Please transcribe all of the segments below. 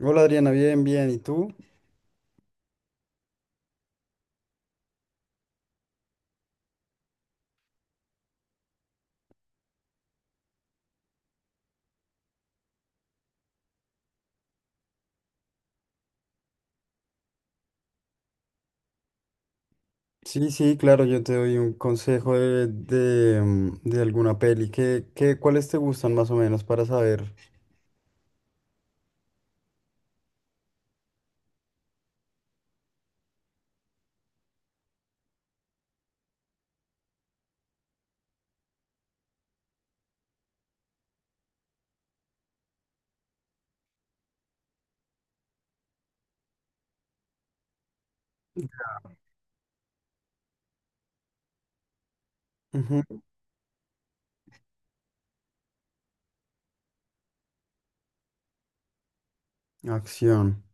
Hola Adriana, bien, bien. ¿Y tú? Sí, sí, claro, yo te doy un consejo de de alguna peli. ¿ cuáles te gustan más o menos para saber? Ujú. Acción.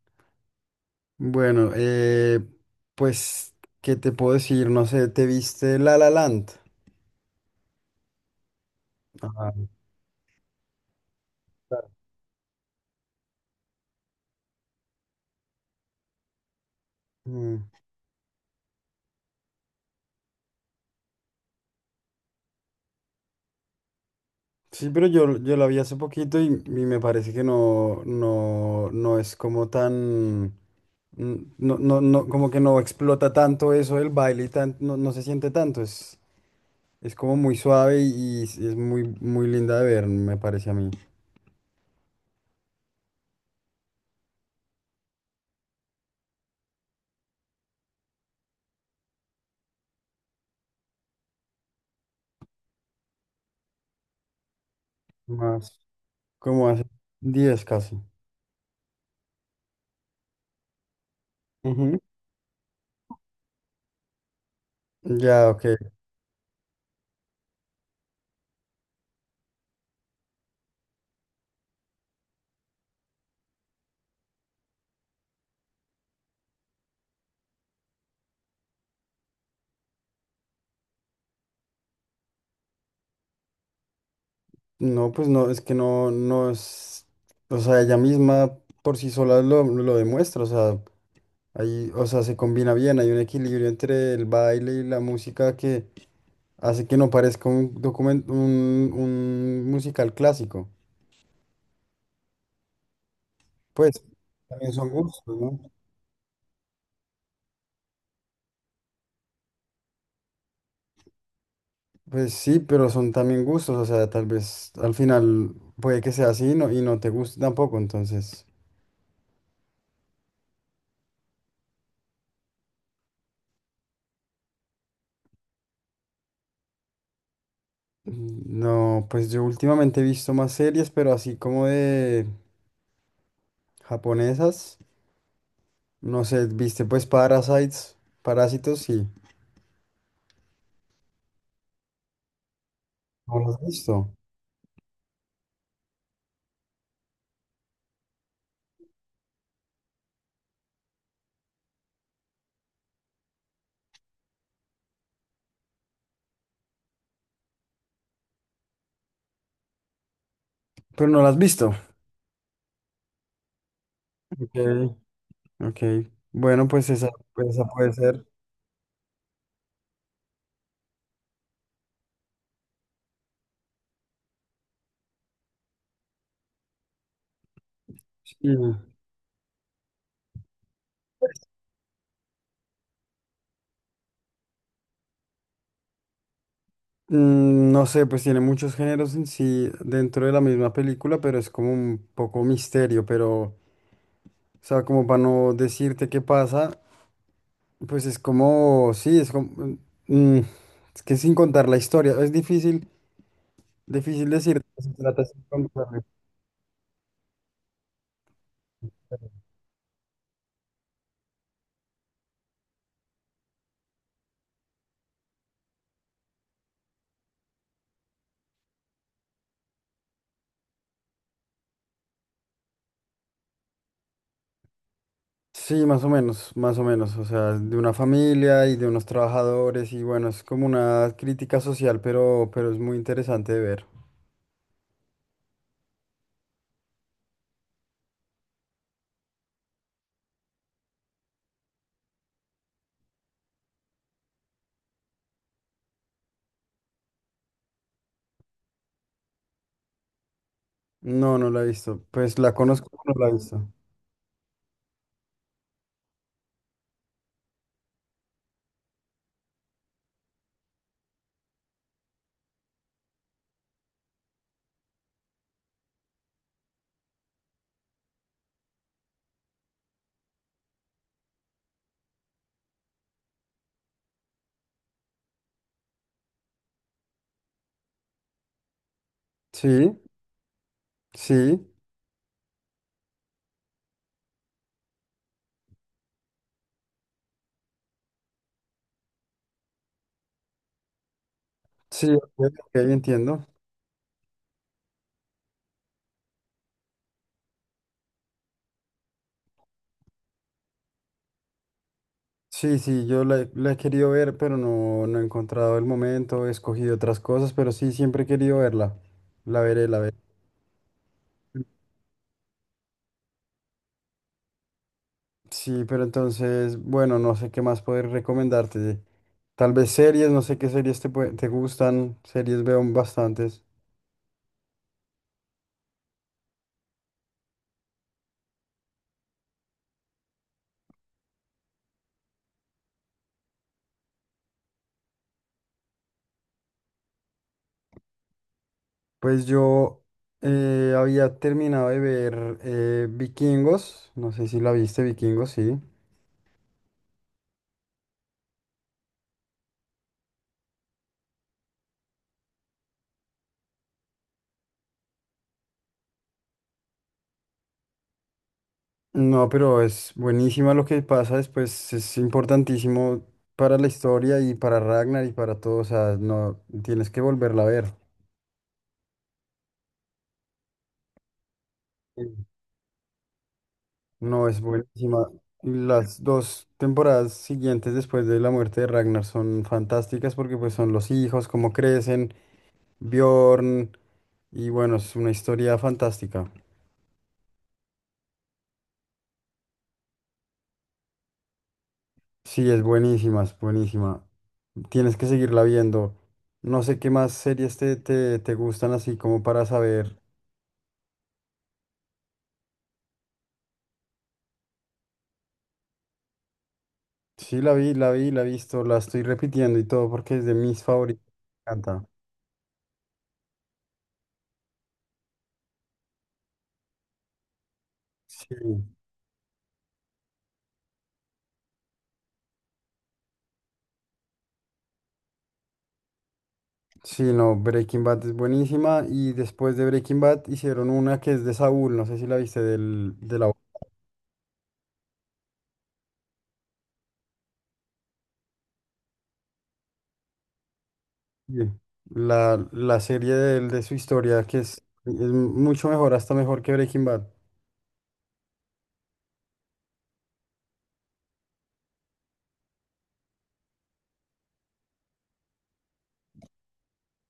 Bueno, pues, ¿qué te puedo decir? No sé, ¿te viste La La Land? Ah, mm. Sí, pero yo la vi hace poquito y me parece que no es como tan, no, como que no explota tanto eso, el baile y tan, no, no se siente tanto. Es como muy suave y es muy, muy linda de ver, me parece a mí. Más. Como hace 10 casi. Ujú. Ya, ok. No, pues no, es que no, no es, o sea, ella misma por sí sola lo demuestra. O sea, ahí, o sea, se combina bien, hay un equilibrio entre el baile y la música que hace que no parezca un documento, un musical clásico. Pues, también son gustos, ¿no? Pues sí, pero son también gustos, o sea, tal vez al final puede que sea así, no, y no te guste tampoco, entonces. No, pues yo últimamente he visto más series, pero así como de japonesas. No sé, ¿viste pues Parasites, Parásitos? Sí. ¿No las has visto? Pero ¿no las has visto? Ok, ok. Bueno, pues esa puede ser. Sí. No sé, pues tiene muchos géneros en sí dentro de la misma película, pero es como un poco misterio. Pero o sea, como para no decirte qué pasa, pues es como, sí, es como, mm, es que sin contar la historia, es difícil, difícil decir. Se trata sin contarla. Sí, más o menos, o sea, de una familia y de unos trabajadores, y bueno, es como una crítica social, pero es muy interesante de ver. No, no la he visto, pues la conozco, pero no la he visto. Sí, sí, sí, ok, ok, entiendo. Sí, sí, he la he querido ver, pero no, no he encontrado el momento, he escogido otras cosas, pero sí, siempre he querido verla. La veré, la veré. Sí, pero entonces, bueno, no sé qué más poder recomendarte. Tal vez series, no sé qué series te gustan. Series veo bastantes. Pues yo había terminado de ver Vikingos, no sé si la viste, Vikingos, sí. No, pero es buenísima lo que pasa después, es importantísimo para la historia y para Ragnar y para todos, o sea, no tienes que volverla a ver. Sí. No, es buenísima. Y las dos temporadas siguientes después de la muerte de Ragnar son fantásticas porque pues son los hijos, cómo crecen, Bjorn, y bueno, es una historia fantástica. Sí, es buenísima, es buenísima. Tienes que seguirla viendo. No sé qué más series te gustan así como para saber. Sí, la vi, la vi, la he visto, la estoy repitiendo y todo porque es de mis favoritas. Me encanta. Sí, sí, no, Breaking Bad es buenísima y después de Breaking Bad hicieron una que es de Saúl, no sé si la viste, Sí. La serie de él, de su historia, que es mucho mejor, hasta mejor que Breaking Bad.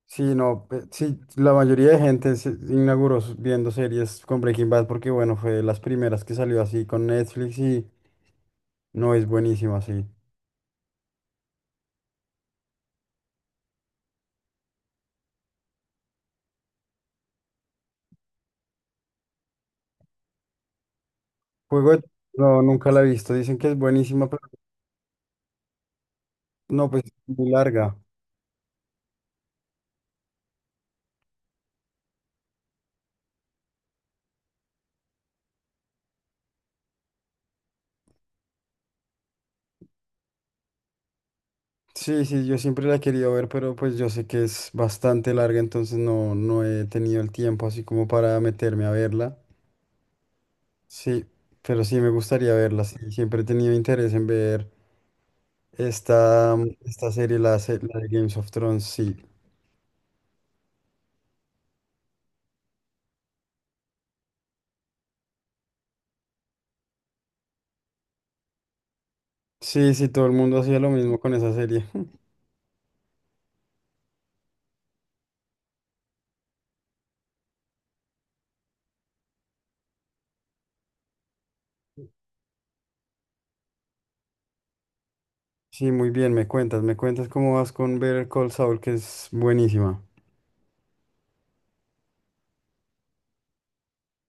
Sí, no, sí, la mayoría de gente se inauguró viendo series con Breaking Bad porque, bueno, fue de las primeras que salió así con Netflix y no, es buenísima, sí. Juego de... No, nunca la he visto. Dicen que es buenísima, pero no, pues es muy larga. Sí, sí, yo siempre la he querido ver, pero pues yo sé que es bastante larga, entonces no, no he tenido el tiempo así como para meterme a verla. Sí, pero sí me gustaría verla. Sí, siempre he tenido interés en ver esta esta serie, la de Games of Thrones. Sí, sí, sí, todo el mundo hacía lo mismo con esa serie. Sí, muy bien, me cuentas cómo vas con ver Call Saul, que es buenísima.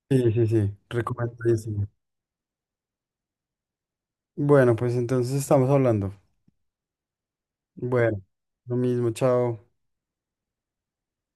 Sí, sí, sí, recomendadísima. Bueno, pues entonces estamos hablando. Bueno, lo mismo, chao.